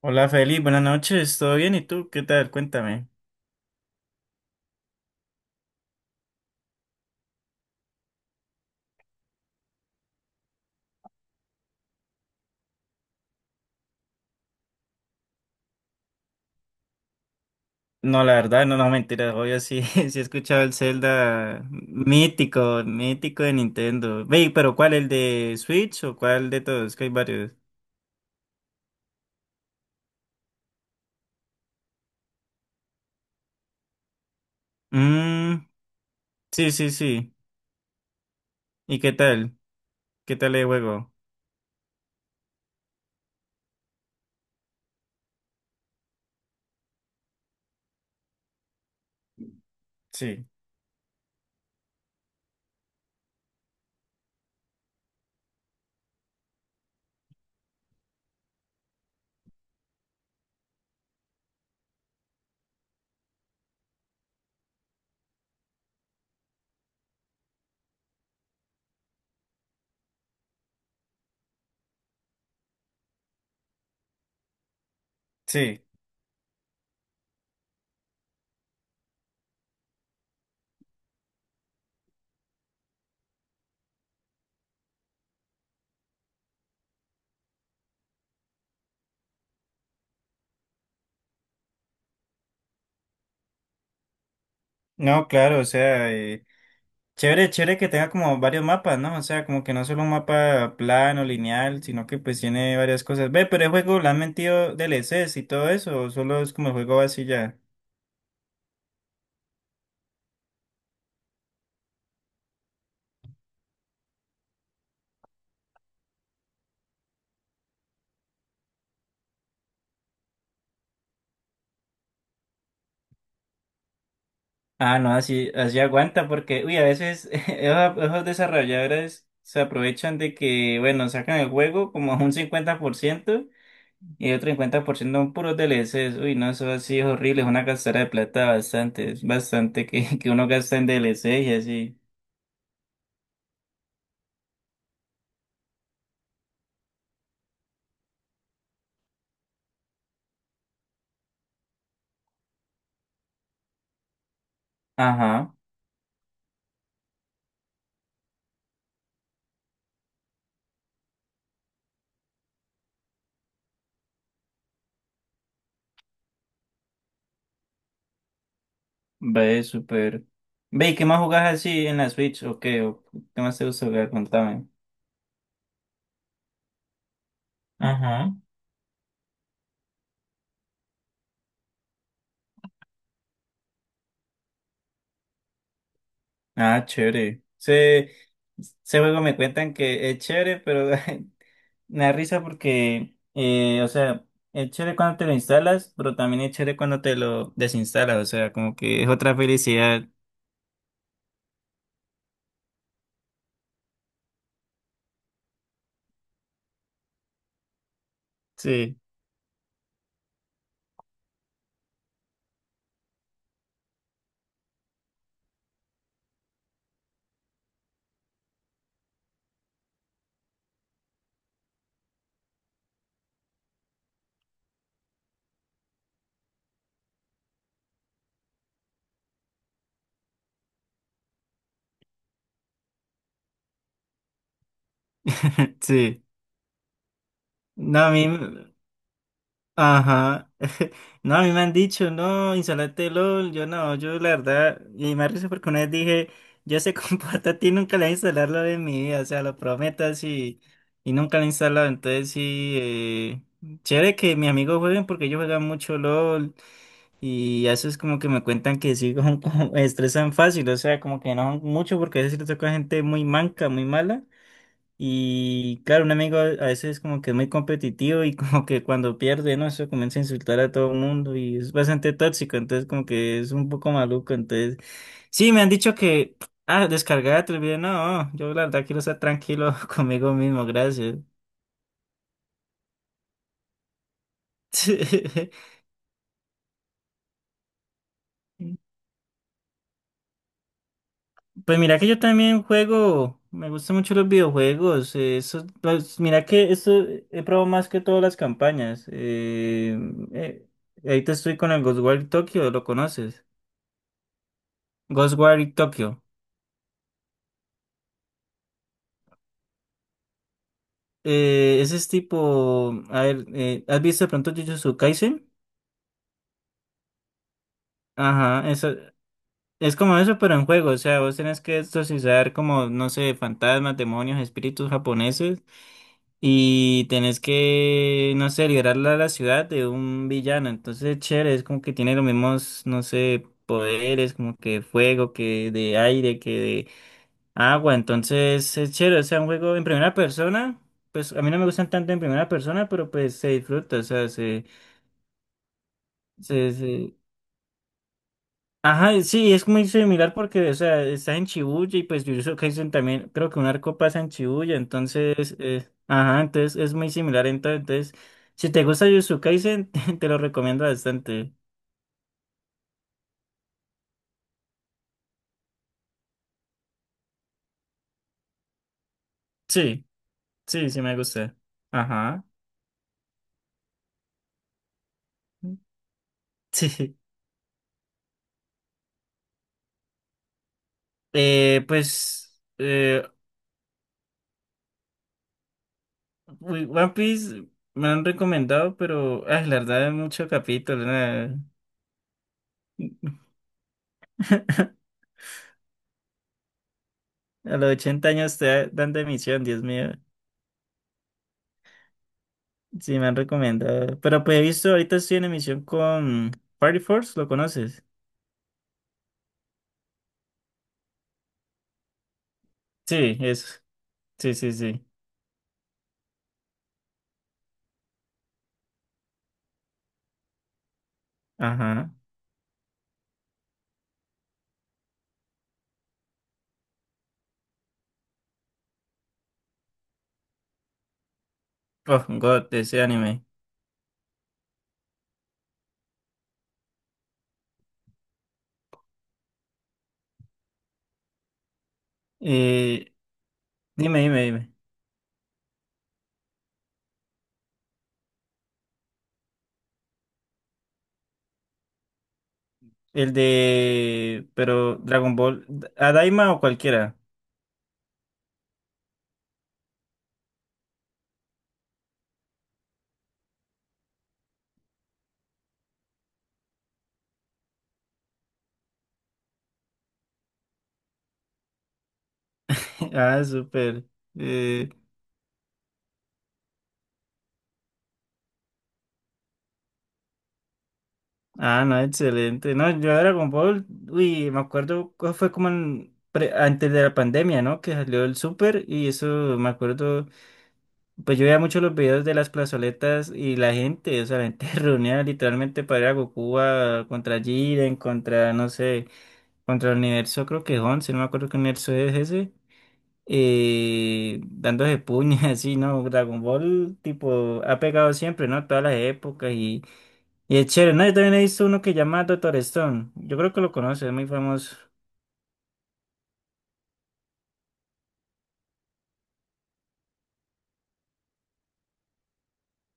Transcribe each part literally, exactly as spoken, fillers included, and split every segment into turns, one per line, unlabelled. Hola Feli, buenas noches, ¿todo bien? ¿Y tú? ¿Qué tal? Cuéntame. No, la verdad, no, no, mentira, obvio sí, sí he escuchado el Zelda mítico, mítico de Nintendo. Ve, pero ¿cuál? ¿El de Switch o cuál de todos? Que hay varios. Mmm, sí, sí, sí. ¿Y qué tal? ¿Qué tal el juego? Sí, sí. No, claro, o sea, chévere, chévere que tenga como varios mapas, ¿no? O sea, como que no solo un mapa plano, lineal, sino que pues tiene varias cosas. Ve, pero el juego, ¿le han metido D L Es y todo eso? ¿O solo es como el juego así ya? Ah, no, así, así aguanta, porque, uy, a veces esos, esos desarrolladores se aprovechan de que, bueno, sacan el juego como un cincuenta por ciento y otro cincuenta por ciento son puros D L Es. Uy, no, eso así es horrible, es una gastadera de plata bastante, es bastante que, que uno gasta en D L Es y así. Ajá. Ve, súper. Ve, ¿y qué más jugás así en la Switch? ¿O qué? ¿O qué más te gusta jugar? Contame. Ajá. Ah, chévere. Ese, ese juego me cuentan que es chévere, pero me da risa porque, eh, o sea, es chévere cuando te lo instalas, pero también es chévere cuando te lo desinstalas. O sea, como que es otra felicidad. Sí, sí. No, a mí. Ajá. No, a mí me han dicho, no, instalate LOL. Yo no, yo la verdad, y me arriesgo porque una vez dije, yo ese comporta a ti nunca le voy a instalar LOL en mi vida, o sea, lo prometo así, y nunca lo he instalado. Entonces sí, eh, chévere que mis amigos jueguen porque ellos juegan mucho LOL, y eso es como que me cuentan que sí, como, como estresan fácil, o sea, como que no mucho porque a veces les toca gente muy manca, muy mala. Y claro, un amigo a veces como que es muy competitivo y como que cuando pierde, ¿no? Eso comienza a insultar a todo el mundo y es bastante tóxico, entonces como que es un poco maluco, entonces… Sí, me han dicho que, ah, descargar el video, no, yo la verdad quiero estar tranquilo conmigo mismo, gracias. Pues mira que yo también juego, me gustan mucho los videojuegos, eh, eso, pues mira que esto he probado más que todas las campañas. Eh, eh, ahorita estoy con el Ghostwire Tokyo, ¿lo conoces? Ghostwire Tokyo. Eh, ese es tipo, a ver, eh, ¿has visto de pronto Jujutsu Kaisen? Ajá, eso es como eso, pero en juego. O sea, vos tenés que exorcizar como, no sé, fantasmas, demonios, espíritus japoneses y tenés que, no sé, liberar la, la ciudad de un villano. Entonces, chévere, es como que tiene los mismos, no sé, poderes, como que fuego, que de aire, que de… Ah, bueno, entonces es chévere, o sea, un juego en primera persona, pues a mí no me gustan tanto en primera persona, pero pues se disfruta, o sea, se, se, se- Ajá, sí, es muy similar porque, o sea, estás en Shibuya y pues Jujutsu Kaisen también, creo que un arco pasa en Shibuya, entonces, eh, ajá, entonces es muy similar, entonces, entonces, si te gusta Jujutsu Kaisen, te, te lo recomiendo bastante. Sí, sí, sí me gusta. Ajá. Sí. Eh, pues... eh, Uy, One Piece me lo han recomendado, pero ay, la verdad es mucho capítulo. Nada. A los ochenta años te dan de emisión, Dios mío. Sí, me han recomendado. Pero pues he visto, ahorita estoy en emisión con Party Force, ¿lo conoces? Sí, eso. Sí, sí, sí. Ajá. Oh, God, ese anime. Eh, dime, dime, dime. El de… pero Dragon Ball, ¿a Daima o cualquiera? Ah, súper. Eh, Ah, no, excelente. No, yo era con Ball, uy, me acuerdo, co- fue como en pre- antes de la pandemia, ¿no? Que salió el súper y eso, me acuerdo, pues yo veía mucho los videos de las plazoletas y la gente, o sea, la gente reunía literalmente para ir a Goku a- contra Jiren, contra, no sé, contra el universo, creo que es once, no me acuerdo qué universo es ese, eh, dándose puñas, así, ¿no? Dragon Ball, tipo, ha pegado siempre, ¿no? Todas las épocas y es chévere, ¿no? Yo también he visto uno que llama Doctor Stone. Yo creo que lo conoce, es muy famoso.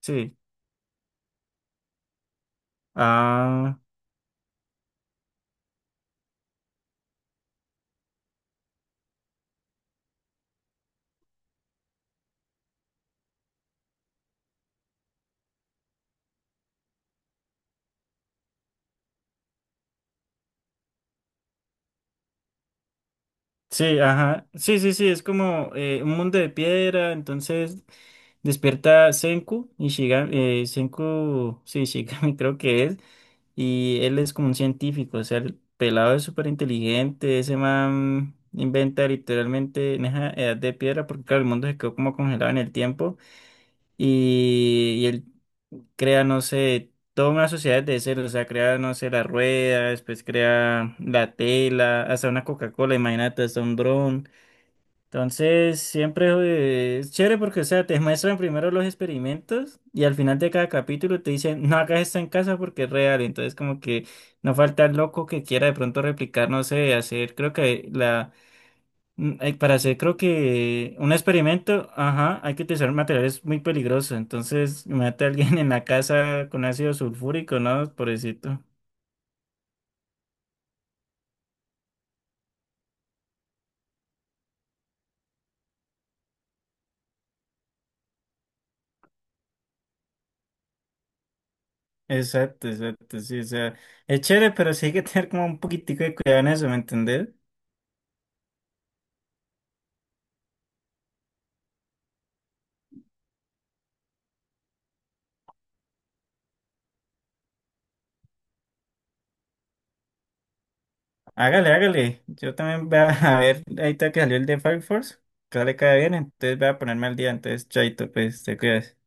Sí. Ah, sí, ajá. Sí, sí, sí, es como eh, un mundo de piedra, entonces despierta Senku y Shigami, eh, Senku, sí, Shigami creo que es, y él es como un científico, o sea, el pelado es súper inteligente, ese man inventa literalmente en esa edad de piedra, porque claro, el mundo se quedó como congelado en el tiempo. Y, y él crea, no sé, toda una sociedad de cero, o sea, crea, no sé, la rueda, después crea la tela, hasta una Coca-Cola, imagínate, hasta un dron. Entonces, siempre eh, es chévere porque, o sea, te muestran primero los experimentos y al final de cada capítulo te dicen, no hagas esto en casa porque es real. Entonces, como que no falta el loco que quiera de pronto replicar, no sé, hacer, creo que la… Mm, hay- para hacer, creo que un experimento, ajá, hay que utilizar materiales muy peligrosos. Entonces, mate a alguien en la casa con ácido sulfúrico, ¿no? Pobrecito. Exacto, exacto, sí. O sea, es chévere, pero sí hay que tener como un poquitico de cuidado en eso, ¿me entendés? Hágale, hágale. Yo también voy a a ver, ahorita que salió el de Fire Force, que sale cada bien, entonces voy a ponerme al día. Entonces, chaito, pues, te cuidas.